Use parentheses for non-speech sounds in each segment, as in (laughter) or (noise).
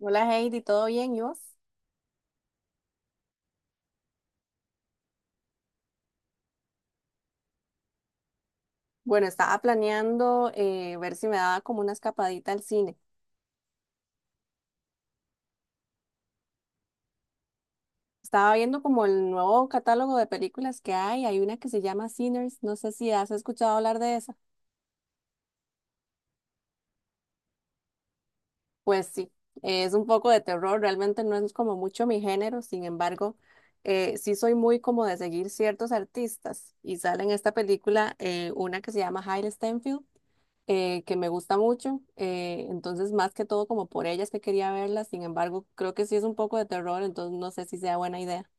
Hola Heidi, ¿todo bien? ¿Y vos? Bueno, estaba planeando ver si me daba como una escapadita al cine. Estaba viendo como el nuevo catálogo de películas que hay. Hay una que se llama Sinners. No sé si has escuchado hablar de esa. Pues sí, es un poco de terror. Realmente no es como mucho mi género. Sin embargo, sí soy muy como de seguir ciertos artistas. Y sale en esta película una que se llama Hailee Steinfeld que me gusta mucho. Entonces, más que todo, como por ellas que quería verlas. Sin embargo, creo que sí es un poco de terror, entonces no sé si sea buena idea.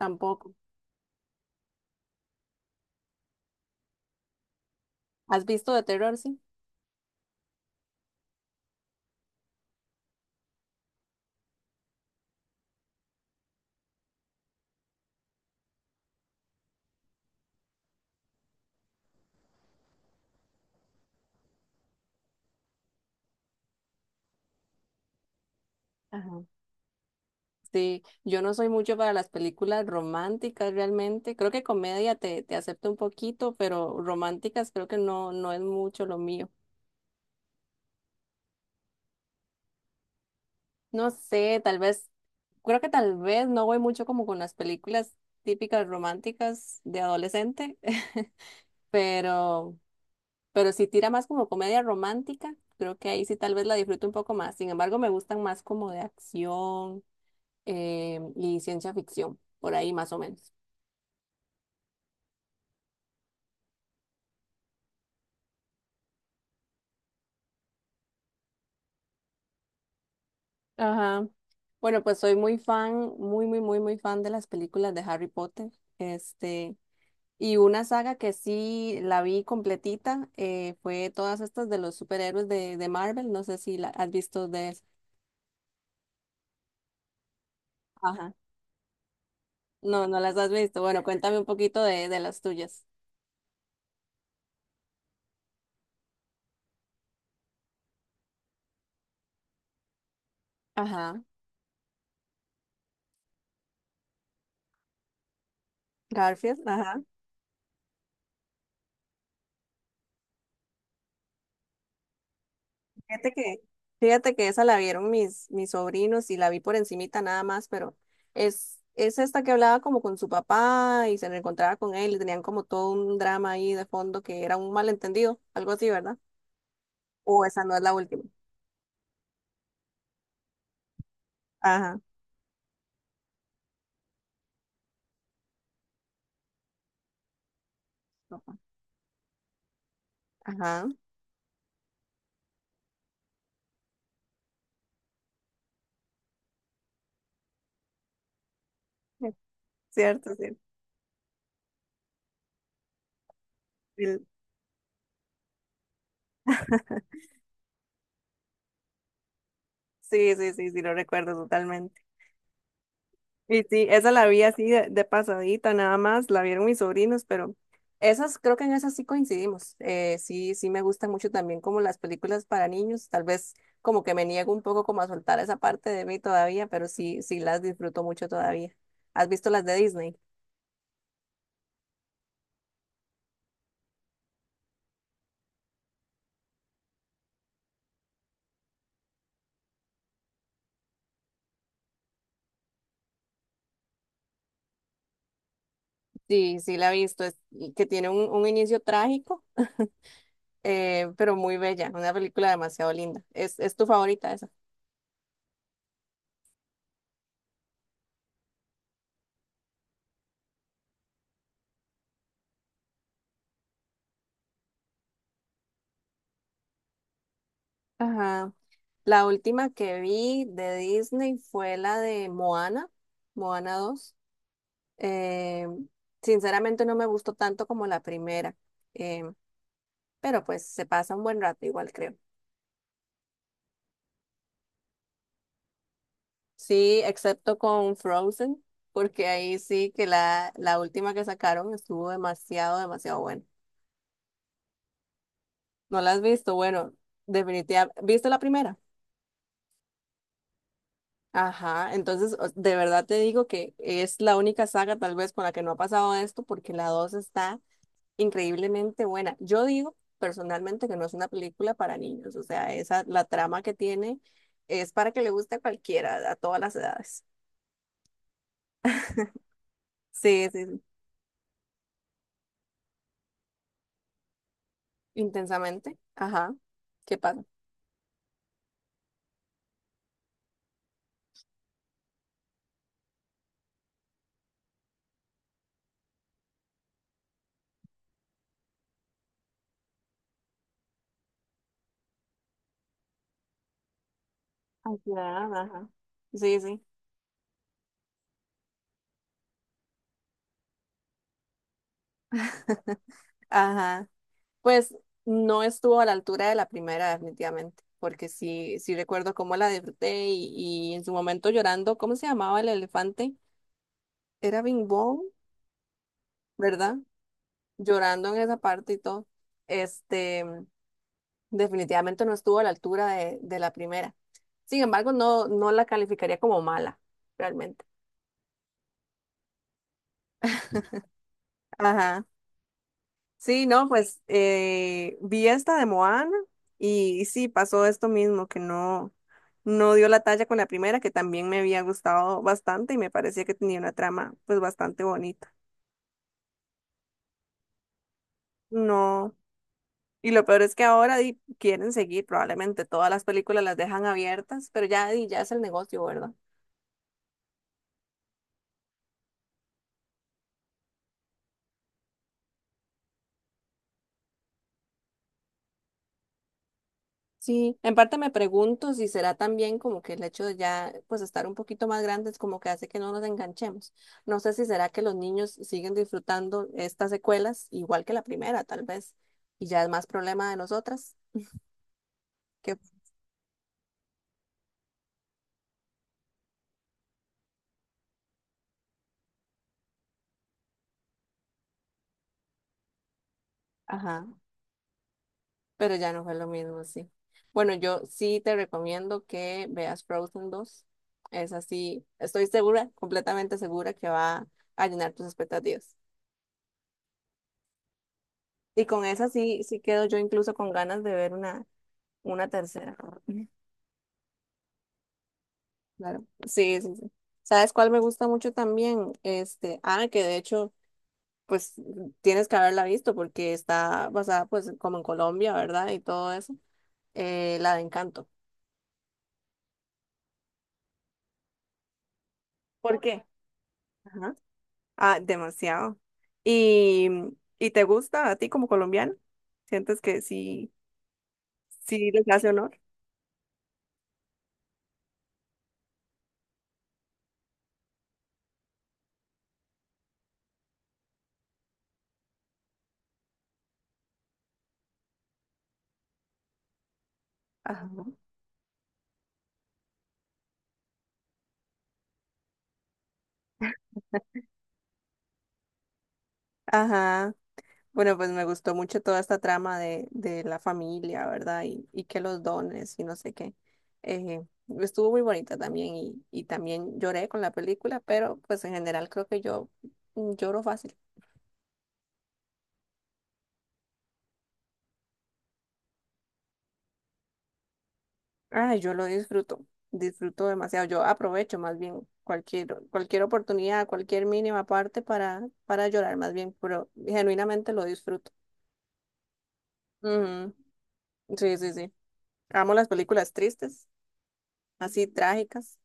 Tampoco. ¿Has visto de terror? Sí. Ajá. Sí, yo no soy mucho para las películas románticas realmente. Creo que comedia te acepto un poquito, pero románticas creo que no, no es mucho lo mío. No sé, tal vez, creo que tal vez no voy mucho como con las películas típicas románticas de adolescente, (laughs) pero Pero si tira más como comedia romántica, creo que ahí sí tal vez la disfruto un poco más. Sin embargo, me gustan más como de acción y ciencia ficción, por ahí más o menos. Ajá. Bueno, pues soy muy fan, muy, muy, muy, muy fan de las películas de Harry Potter. Este, y una saga que sí la vi completita fue todas estas de los superhéroes de Marvel. No sé si la has visto de esa. Ajá. No, no las has visto. Bueno, cuéntame un poquito de las tuyas. Ajá. Garfield, ajá. Fíjate que, fíjate que esa la vieron mis sobrinos y la vi por encimita nada más, pero es esta que hablaba como con su papá y se reencontraba con él y tenían como todo un drama ahí de fondo que era un malentendido, algo así, ¿verdad? O esa no es la última. Ajá. Papá. Ajá. Cierto, cierto. Sí, sí, sí, sí, lo recuerdo totalmente. Y sí, esa la vi así de pasadita, nada más, la vieron mis sobrinos, pero esas, creo que en esas sí coincidimos. Sí, sí me gustan mucho también como las películas para niños, tal vez como que me niego un poco como a soltar esa parte de mí todavía, pero sí, sí las disfruto mucho todavía. ¿Has visto las de Disney? Sí, sí la he visto, y que tiene un inicio trágico, pero muy bella, una película demasiado linda. ¿Es tu favorita esa? Ajá. La última que vi de Disney fue la de Moana, Moana dos. Eh, Sinceramente no me gustó tanto como la primera, eh, pero pues se pasa un buen rato igual creo. Sí, excepto con Frozen, porque ahí sí que la última que sacaron estuvo demasiado, demasiado buena. ¿No la has visto? Bueno, definitivamente. ¿Viste la primera? Ajá, entonces de verdad te digo que es la única saga tal vez con la que no ha pasado esto, porque la 2 está increíblemente buena. Yo digo personalmente que no es una película para niños, o sea, esa, la trama que tiene es para que le guste a cualquiera, a todas las edades. (laughs) Sí, sí, sí. Intensamente. Ajá. ¿Qué pasa? Ansiedad, ajá. Sí, sí. (laughs) Ajá. Pues no estuvo a la altura de la primera, definitivamente, porque sí, sí recuerdo cómo la disfruté y en su momento llorando, ¿cómo se llamaba el elefante? Era Bing Bong, ¿verdad? Llorando en esa parte y todo, este, definitivamente no estuvo a la altura de la primera. Sin embargo, no, no la calificaría como mala, realmente. Ajá. Sí, no, pues vi esta de Moana y, sí, pasó esto mismo, que no, no dio la talla con la primera, que también me había gustado bastante y me parecía que tenía una trama pues bastante bonita. No. Y lo peor es que ahora di, quieren seguir, probablemente todas las películas las dejan abiertas, pero ya, di, ya es el negocio, ¿verdad? Sí, en parte me pregunto si será también como que el hecho de ya pues estar un poquito más grandes como que hace que no nos enganchemos. No sé si será que los niños siguen disfrutando estas secuelas igual que la primera, tal vez, y ya es más problema de nosotras que, ajá, pero ya no fue lo mismo, sí. Bueno, yo sí te recomiendo que veas Frozen 2. Es así, estoy segura, completamente segura que va a llenar tus expectativas. Y con esa sí, sí quedo yo incluso con ganas de ver una tercera. Claro. Sí, sí, sí. ¿Sabes cuál me gusta mucho también? Este, ah, que de hecho, pues tienes que haberla visto porque está basada pues como en Colombia, ¿verdad? Y todo eso. La de Encanto. ¿Por qué? Ajá. Ah, demasiado. ¿Y, y te gusta a ti como colombiano? ¿Sientes que sí, sí les hace honor? Ajá. Ajá. Bueno, pues me gustó mucho toda esta trama de la familia, ¿verdad? Y que los dones y no sé qué. Eh, Estuvo muy bonita también y también lloré con la película, pero pues en general creo que yo lloro fácil. Ay, yo lo disfruto, disfruto demasiado. Yo aprovecho más bien cualquier oportunidad, cualquier mínima parte para llorar más bien, pero genuinamente lo disfruto. Ujú, sí, sí, sí. Amo las películas tristes, así trágicas.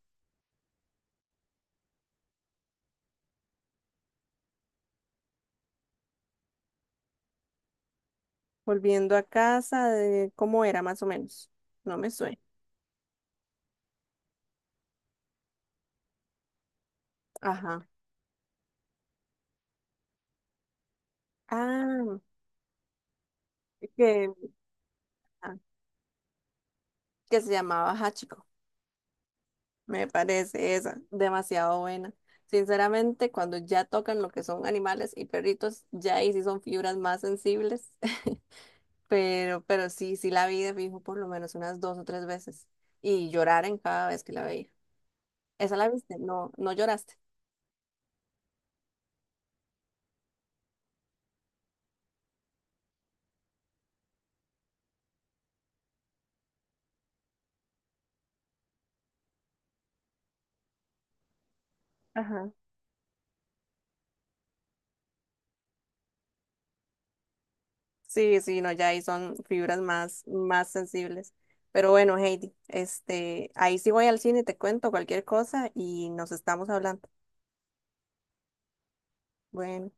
Volviendo a casa, de cómo era más o menos. No me suena. Ajá. Ah, que, ah, que se llamaba Hachiko. Me parece esa. Demasiado buena. Sinceramente, cuando ya tocan lo que son animales y perritos, ya ahí sí son fibras más sensibles. (laughs) Pero sí, sí la vi de fijo por lo menos unas dos o tres veces. Y llorar en cada vez que la veía. ¿Esa la viste? No, no lloraste. Ajá. Sí, sí, no, ya ahí son fibras más sensibles. Pero bueno, Heidi, este, ahí sí voy al cine, te cuento cualquier cosa y nos estamos hablando. Bueno.